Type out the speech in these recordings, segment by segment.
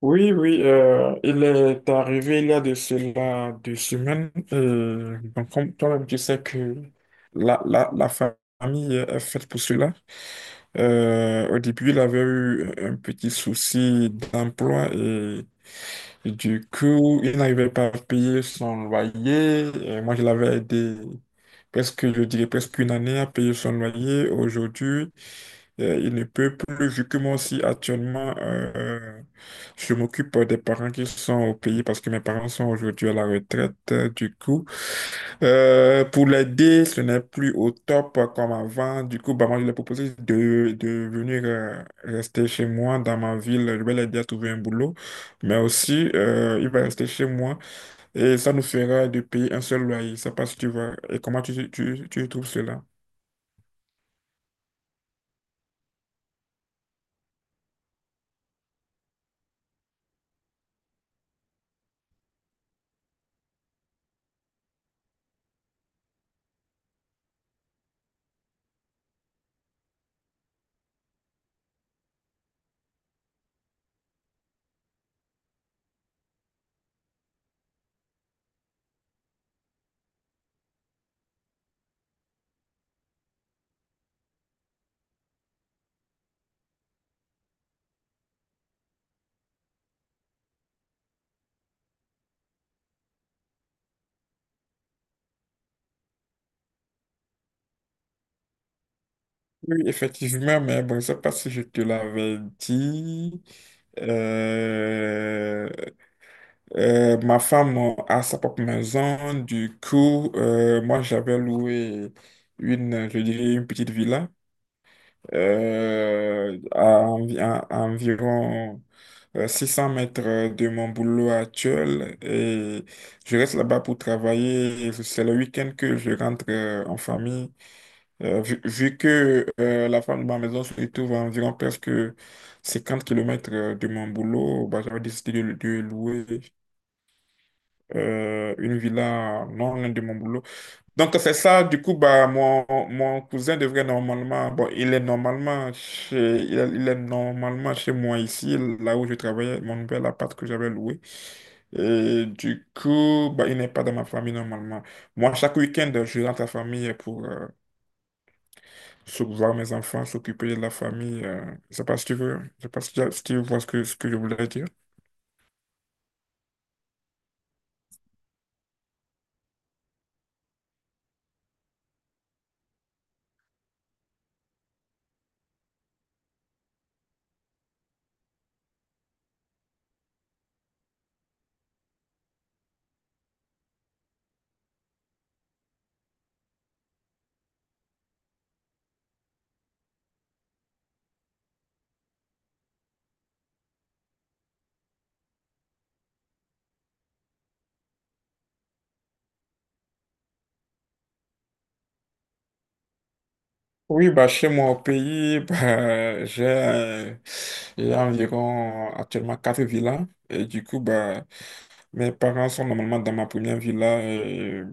Oui, oui, il est arrivé il y a de cela 2 semaines. Et donc, comme toi-même, tu sais que la famille est faite pour cela. Au début, il avait eu un petit souci d'emploi et du coup, il n'arrivait pas à payer son loyer. Et moi, je l'avais aidé presque, je dirais, presque une année à payer son loyer. Aujourd'hui, il ne peut plus, vu que moi aussi actuellement, je m'occupe des parents qui sont au pays parce que mes parents sont aujourd'hui à la retraite. Du coup, pour l'aider, ce n'est plus au top comme avant. Du coup, bah, moi, je lui ai proposé de venir rester chez moi dans ma ville. Je vais l'aider à trouver un boulot. Mais aussi, il va rester chez moi et ça nous fera de payer un seul loyer. Ça passe, tu vois. Et comment tu trouves cela? Oui, effectivement, mais bon, je ne sais pas si je te l'avais dit. Euh, ma femme a sa propre maison. Du coup, moi, j'avais loué une, je dirais, une petite villa à environ 600 mètres de mon boulot actuel. Et je reste là-bas pour travailler. C'est le week-end que je rentre en famille. Vu que la femme de ma maison se trouve à environ presque 50 kilomètres de mon boulot, bah, j'avais décidé de louer une villa non loin de mon boulot. Donc c'est ça, du coup, bah, mon cousin devrait normalement, bon, il est normalement chez moi ici, là où je travaillais, mon nouvel appart que j'avais loué. Et du coup, bah, il n'est pas dans ma famille normalement. Moi, chaque week-end, je rentre à la famille pour, voir mes enfants, s'occuper de la famille. Je sais pas si tu veux, je sais pas si tu vois ce que je voulais dire. Oui, bah, chez moi au pays, bah, j'ai environ actuellement quatre villas. Et du coup, bah, mes parents sont normalement dans ma première villa. Et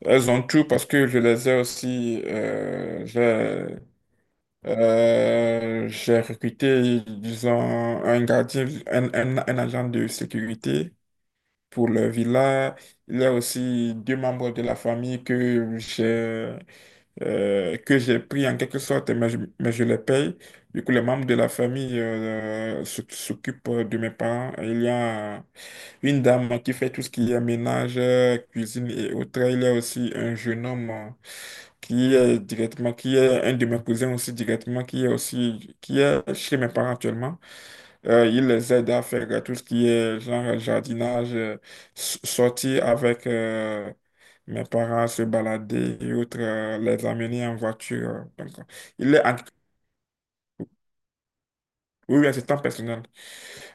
elles ont tout parce que je les ai aussi. J'ai recruté, disons, un gardien, un agent de sécurité pour le villa. Il y a aussi deux membres de la famille que j'ai pris en quelque sorte, mais je les paye. Du coup, les membres de la famille s'occupent de mes parents. Il y a une dame qui fait tout ce qui est ménage, cuisine et autres. Il y a aussi un jeune homme qui est directement, qui est un de mes cousins aussi directement, qui est aussi, qui est chez mes parents actuellement. Il les aide à faire tout ce qui est genre jardinage, sortir avec mes parents, se balader et autres, les amener en voiture. Donc, il est en- oui, assistant personnel.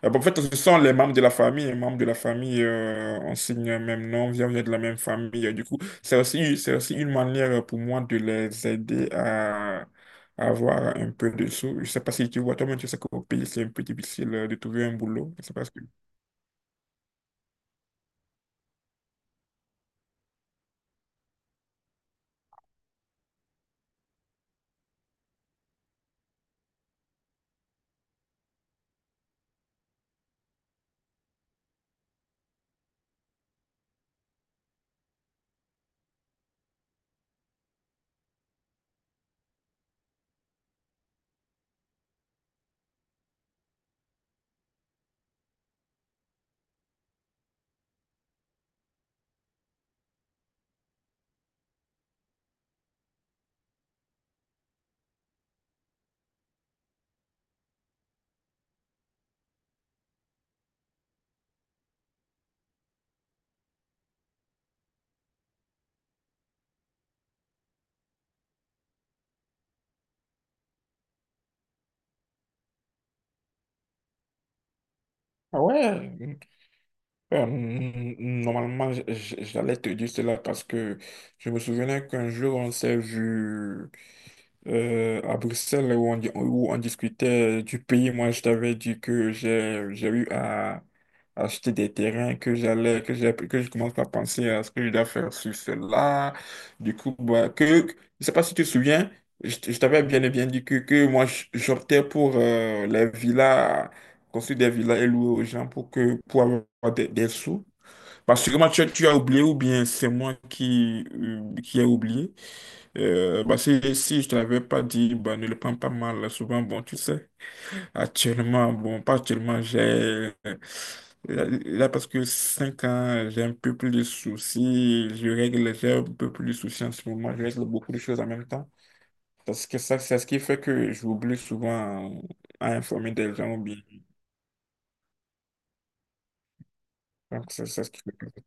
Bon, en fait, ce sont les membres de la famille. Les membres de la famille, on signe le même nom, on vient de la même famille. Du coup, c'est aussi une manière pour moi de les aider à avoir un peu de sous. Je sais pas si tu vois, toi-même, tu sais qu'au pays, c'est un peu difficile de trouver un boulot. Je sais pas. Ah ouais, normalement, j'allais te dire cela parce que je me souvenais qu'un jour, on s'est vu à Bruxelles où on discutait du pays, moi je t'avais dit que j'ai eu à acheter des terrains, que j'allais, que j'ai, que je commence à penser à ce que je dois faire sur cela. Du coup, bah, je sais pas si tu te souviens, je t'avais bien et bien dit que, moi j'optais pour les villas, construire des villas et louer aux gens pour avoir des sous. Parce que moi, tu as oublié ou bien c'est moi qui ai oublié. Bah, si je ne l'avais pas dit, bah, ne le prends pas mal. Souvent, bon, tu sais, actuellement, bon, pas actuellement, j'ai. Là, là, parce que 5 ans, j'ai un peu plus de soucis. J'ai un peu plus de soucis en ce moment. Je règle beaucoup de choses en même temps. Parce que ça, c'est ce qui fait que j'oublie souvent à informer des gens, ou bien. Donc, c'est ce qui fait.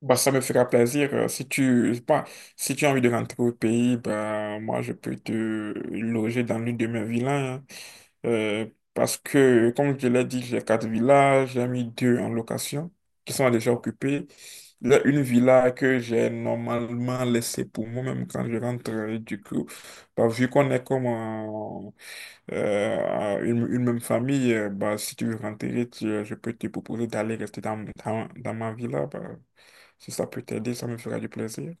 Bah, ça me fera plaisir. Si tu, Bah, si tu as envie de rentrer au pays, bah, moi, je peux te loger dans l'une de mes villas, hein. Euh, parce que, comme je l'ai dit, j'ai quatre villas, j'ai mis deux en location qui sont déjà occupées. Il y a une villa que j'ai normalement laissée pour moi-même quand je rentre. Et du coup, bah, vu qu'on est comme une même famille, bah, si tu veux rentrer, je peux te proposer d'aller rester dans, dans ma villa, bah. Si ça peut t'aider, ça me fera du plaisir.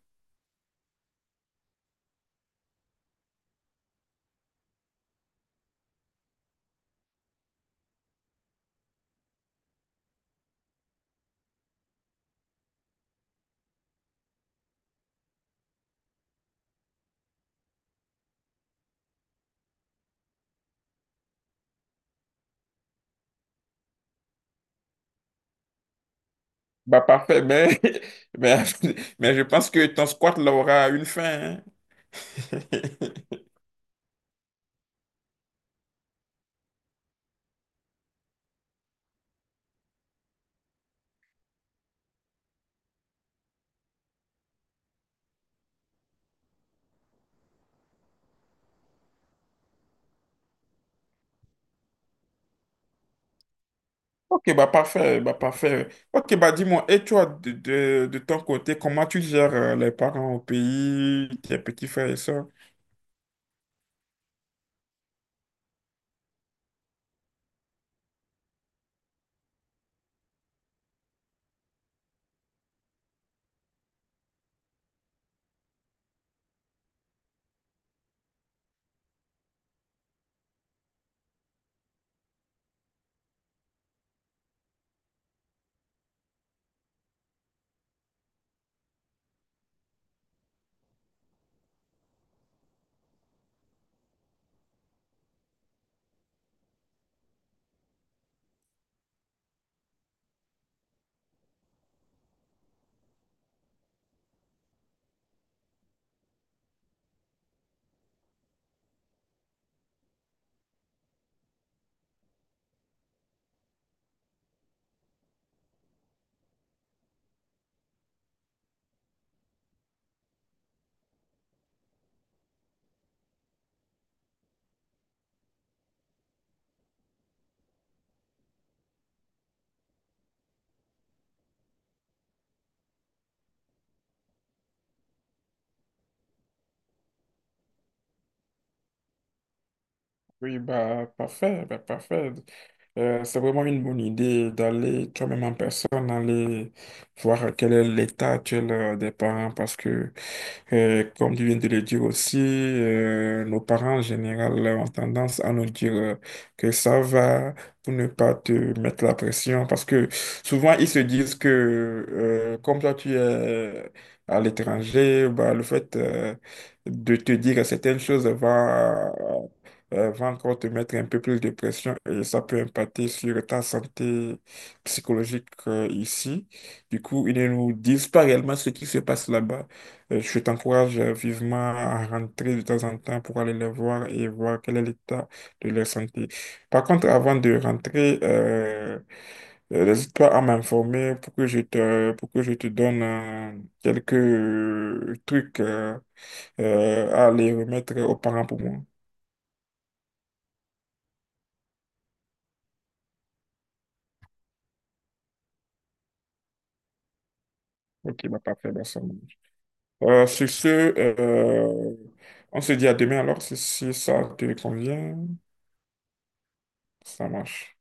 Bah parfait, mais, mais, mais je pense que ton squat là aura une fin, hein. Ok, bah parfait, bah parfait. Ok, bah dis-moi, et toi, de ton côté, comment tu gères les parents au pays, tes petits frères et sœurs? Oui, bah parfait, bah parfait. C'est vraiment une bonne idée d'aller toi-même en personne, aller voir quel est l'état actuel des parents parce que, comme tu viens de le dire aussi, nos parents en général ont tendance à nous dire que ça va pour ne pas te mettre la pression parce que souvent ils se disent que, comme toi tu es à l'étranger, bah, le fait de te dire certaines choses va encore te mettre un peu plus de pression et ça peut impacter sur ta santé psychologique ici. Du coup, ils ne nous disent pas réellement ce qui se passe là-bas. Je t'encourage vivement à rentrer de temps en temps pour aller les voir et voir quel est l'état de leur santé. Par contre, avant de rentrer, n'hésite pas à m'informer pour que je te donne quelques trucs à aller remettre aux parents pour moi. Ok, bah parfait, bah ça marche. Sur ce, on se dit à demain alors, si ça te convient, ça marche.